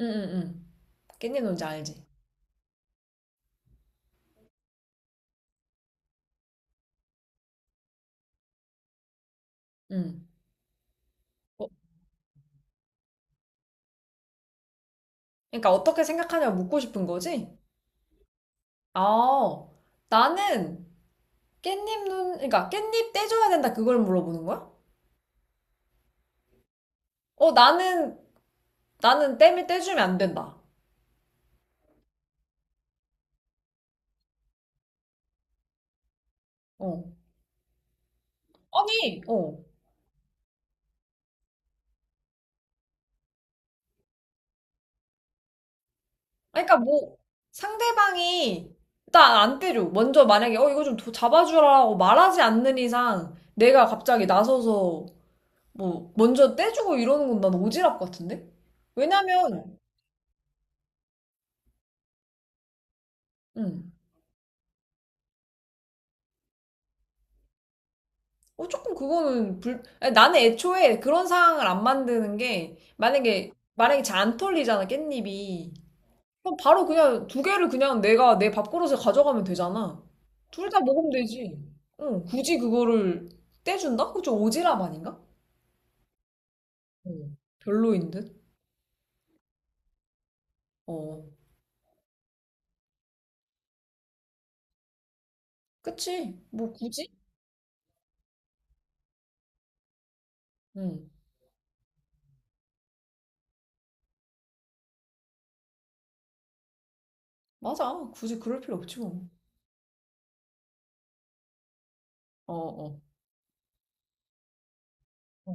응, 응, 응. 깻잎 뭔지 알지? 응. 어, 그러니까 어떻게 생각하냐고 묻고 싶은 거지? 아, 나는 깻잎 눈, 그러니까 깻잎 떼줘야 된다 그걸 물어보는 거야? 어, 나는 땜을 떼주면 안 된다. 어. 아니, 어. 아니, 그러니까 뭐 상대방이 일단 안 떼줘. 먼저 만약에 어 이거 좀 잡아주라고 말하지 않는 이상 내가 갑자기 나서서 뭐 먼저 떼주고 이러는 건 난 오지랖 같은데? 왜냐면 응. 어, 조금 그거는 아니, 나는 애초에 그런 상황을 안 만드는 게, 만약에 잘 안 털리잖아, 깻잎이. 그럼 바로 그냥 두 개를 그냥 내가 내 밥그릇에 가져가면 되잖아. 둘 다 먹으면 되지. 응, 굳이 그거를 떼준다? 그거 좀 오지랖 아닌가? 응, 별로인 듯? 어, 그치. 뭐, 굳이? 응, 맞아. 굳이 그럴 필요 없지, 뭐. 어, 어, 어,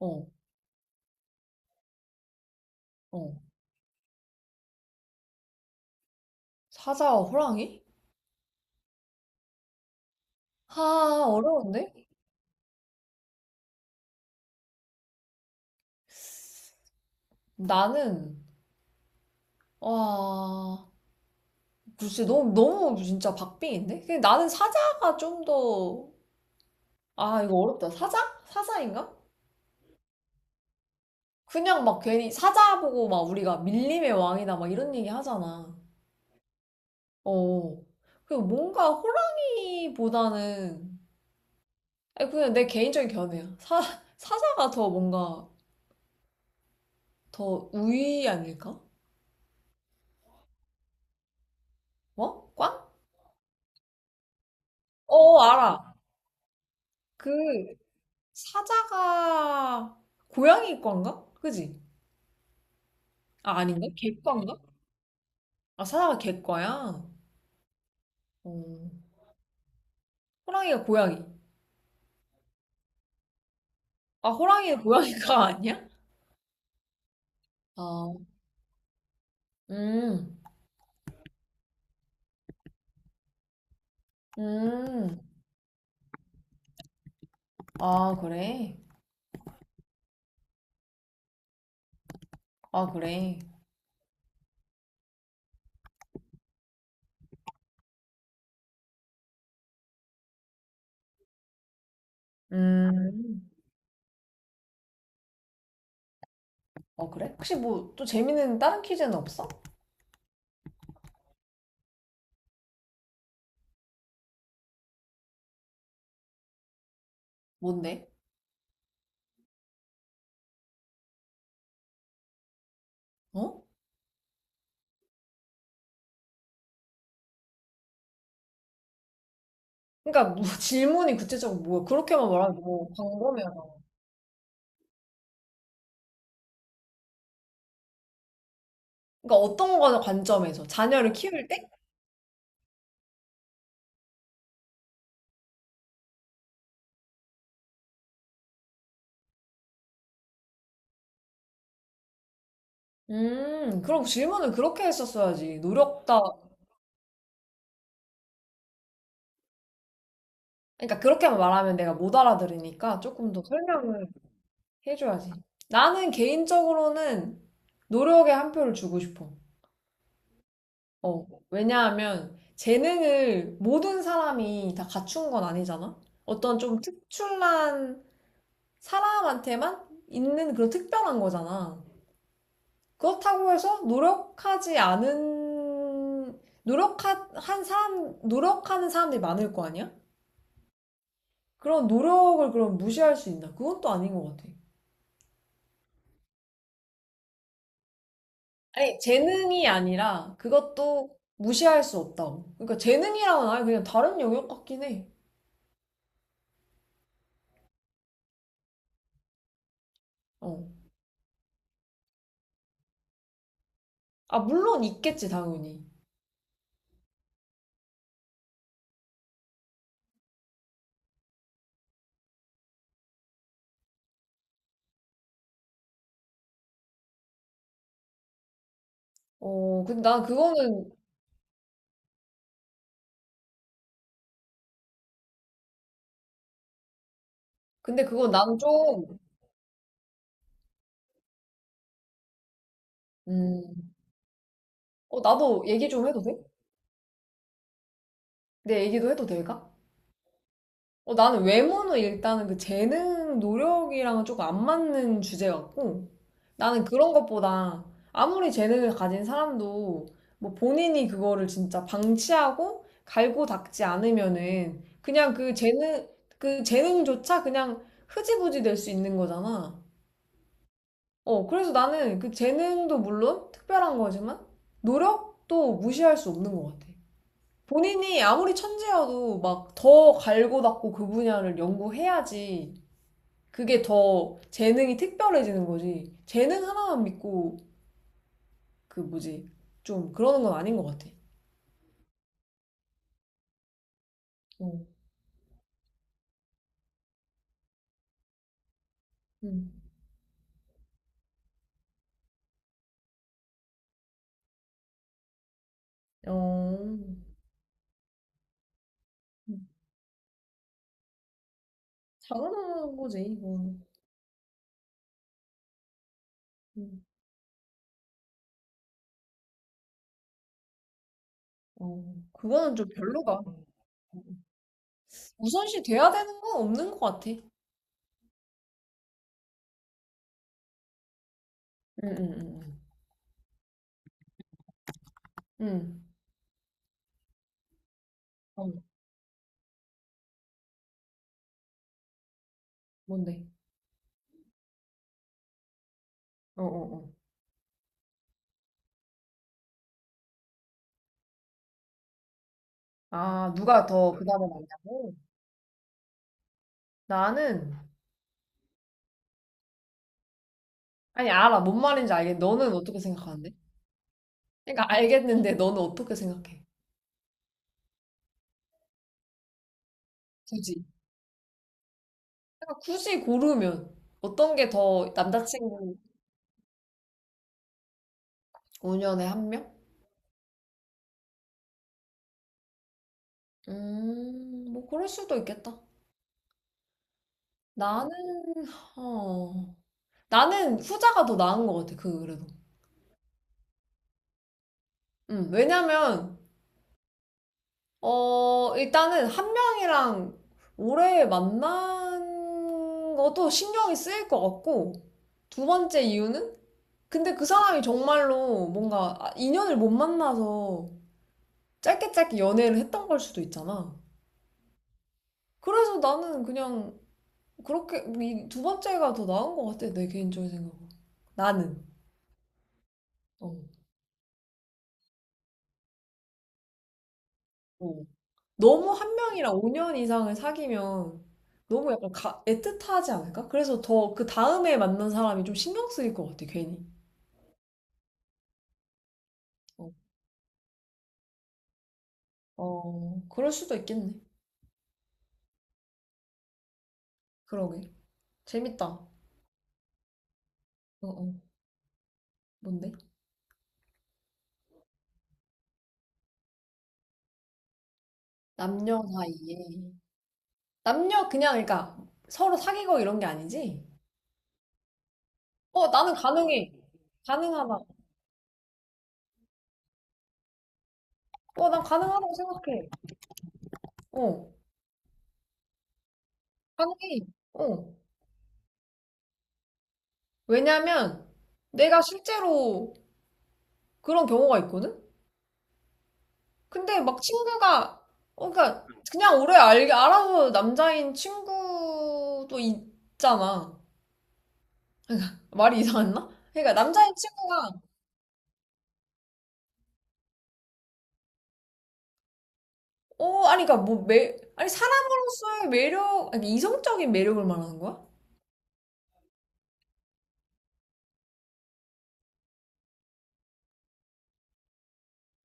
어. 어. 사자와 호랑이? 하, 어려운데? 나는, 와, 글쎄, 너무 진짜 박빙인데? 근데 나는 사자가 좀 더, 아, 이거 어렵다. 사자? 사자인가? 그냥 막 괜히 사자 보고 막 우리가 밀림의 왕이다 막 이런 얘기 하잖아. 어. 그 뭔가 호랑이보다는, 아니, 그냥 내 개인적인 견해야. 사자가 더 뭔가 더 우위 아닐까? 어? 꽝? 어, 알아. 그, 사자가 고양이 꽝가? 그지? 아, 아닌가? 개꽝가? 아, 사자가 개과야? 어, 호랑이가 고양이. 아, 호랑이는 고양이가 아니야? 아, 음, 음. 아, 그래. 아, 그래. 음. 어, 그래? 혹시 뭐, 또 재밌는 다른 퀴즈는 없어? 뭔데? 어? 그러니까 뭐 질문이 구체적으로 뭐야? 그렇게만 말하면 뭐 광범위하다. 그러니까 어떤 거 관점에서 자녀를 키울 때? 그럼 질문을 그렇게 했었어야지. 노력다. 그러니까 그렇게만 말하면 내가 못 알아들으니까 조금 더 설명을 해줘야지. 나는 개인적으로는 노력에 한 표를 주고 싶어. 어, 왜냐하면 재능을 모든 사람이 다 갖춘 건 아니잖아? 어떤 좀 특출난 사람한테만 있는 그런 특별한 거잖아. 그렇다고 해서 노력한 사람, 노력하는 사람들이 많을 거 아니야? 그런 노력을 그럼 무시할 수 있나? 그건 또 아닌 것 같아. 아니, 재능이 아니라 그것도 무시할 수 없다고. 그러니까 재능이랑은 아예 그냥 다른 영역 같긴 해. 어. 아, 물론 있겠지, 당연히. 어, 근데 난 그거는, 근데 그건 난 좀, 음, 어, 나도 얘기 좀 해도 돼? 내 얘기도 해도 될까? 어, 나는 외모는 일단은 그 재능, 노력이랑은 조금 안 맞는 주제 같고, 나는 그런 것보다 아무리 재능을 가진 사람도 뭐 본인이 그거를 진짜 방치하고 갈고 닦지 않으면은 그냥 그 재능조차 그냥 흐지부지 될 수 있는 거잖아. 어, 그래서 나는 그 재능도 물론 특별한 거지만 노력도 무시할 수 없는 것 같아. 본인이 아무리 천재여도 막 더 갈고 닦고 그 분야를 연구해야지 그게 더 재능이 특별해지는 거지. 재능 하나만 믿고 그 뭐지 좀 그러는 건 아닌 것 같아. 어, 음. 어, 음. 당연한 거지 이건. 음. 어, 그거는 좀 별로다. 우선시 돼야 되는 건 없는 것 같아. 응, 응, 응, 응. 응. 어, 뭔데? 어, 어, 어. 아, 누가 더 그 다음에 낫냐고? 나는 아니, 알아. 뭔 말인지 알겠. 너는 어떻게 생각하는데? 그러니까 알겠는데 너는 어떻게 생각해? 굳이. 그러니까 굳이 고르면 어떤 게 더 남자친구 5년에 한 명? 뭐 그럴 수도 있겠다. 나는 어. 나는 후자가 더 나은 것 같아. 그 그래도. 왜냐면 어, 일단은 한 명이랑 오래 만난 것도 신경이 쓰일 것 같고 두 번째 이유는 근데 그 사람이 정말로 뭔가 아, 인연을 못 만나서 짧게 연애를 했던 걸 수도 있잖아. 그래서 나는 그냥 그렇게 이두 번째가 더 나은 것 같아, 내 개인적인 생각은. 나는. 어. 어. 너무 한 명이랑 5년 이상을 사귀면 너무 약간 애틋하지 않을까? 그래서 더 그 다음에 만난 사람이 좀 신경 쓰일 것 같아, 괜히. 어, 어, 그럴 수도 있겠네. 그러게. 재밌다. 어, 어. 뭔데? 남녀 사이에. 남녀 그냥 그러니까 서로 사귀고 이런 게 아니지? 어, 나는 가능해. 가능하다. 어, 난 가능하다고 생각해. 어, 가능해. 어. 왜냐면 내가 실제로 그런 경우가 있거든? 근데 막 친구가 어, 그러니까 그냥 오래 알아서 남자인 친구도 있잖아. 말이 이상했나? 그러니까 남자인 친구가 어, 아니 그러니까 뭐 아니 사람으로서의 매력, 아니 이성적인 매력을 말하는 거야?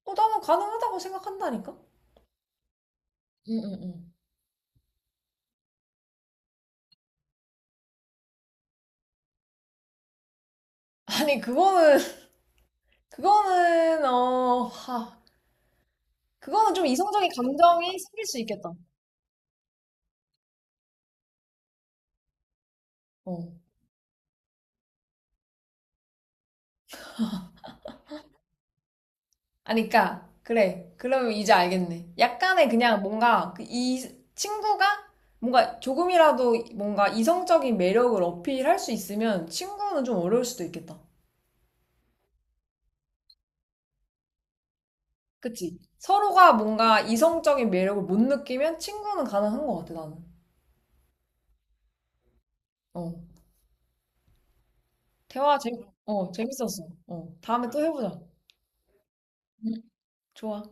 어, 나는 가능하다고 생각한다니까? 응응응. 아니 그거는 그거는 어 하, 그거는 좀 이성적인 감정이 생길 수 있겠다. 어. 아니 그니까 그래. 그러면 이제 알겠네. 약간의 그냥 뭔가 그이 친구가 뭔가 조금이라도 뭔가 이성적인 매력을 어필할 수 있으면 친구는 좀 어려울 수도 있겠다. 그치? 서로가 뭔가 이성적인 매력을 못 느끼면 친구는 가능한 것 같아 나는. 어. 대화 재밌 어 재밌었어. 어 다음에 또 해보자. 응, 좋아.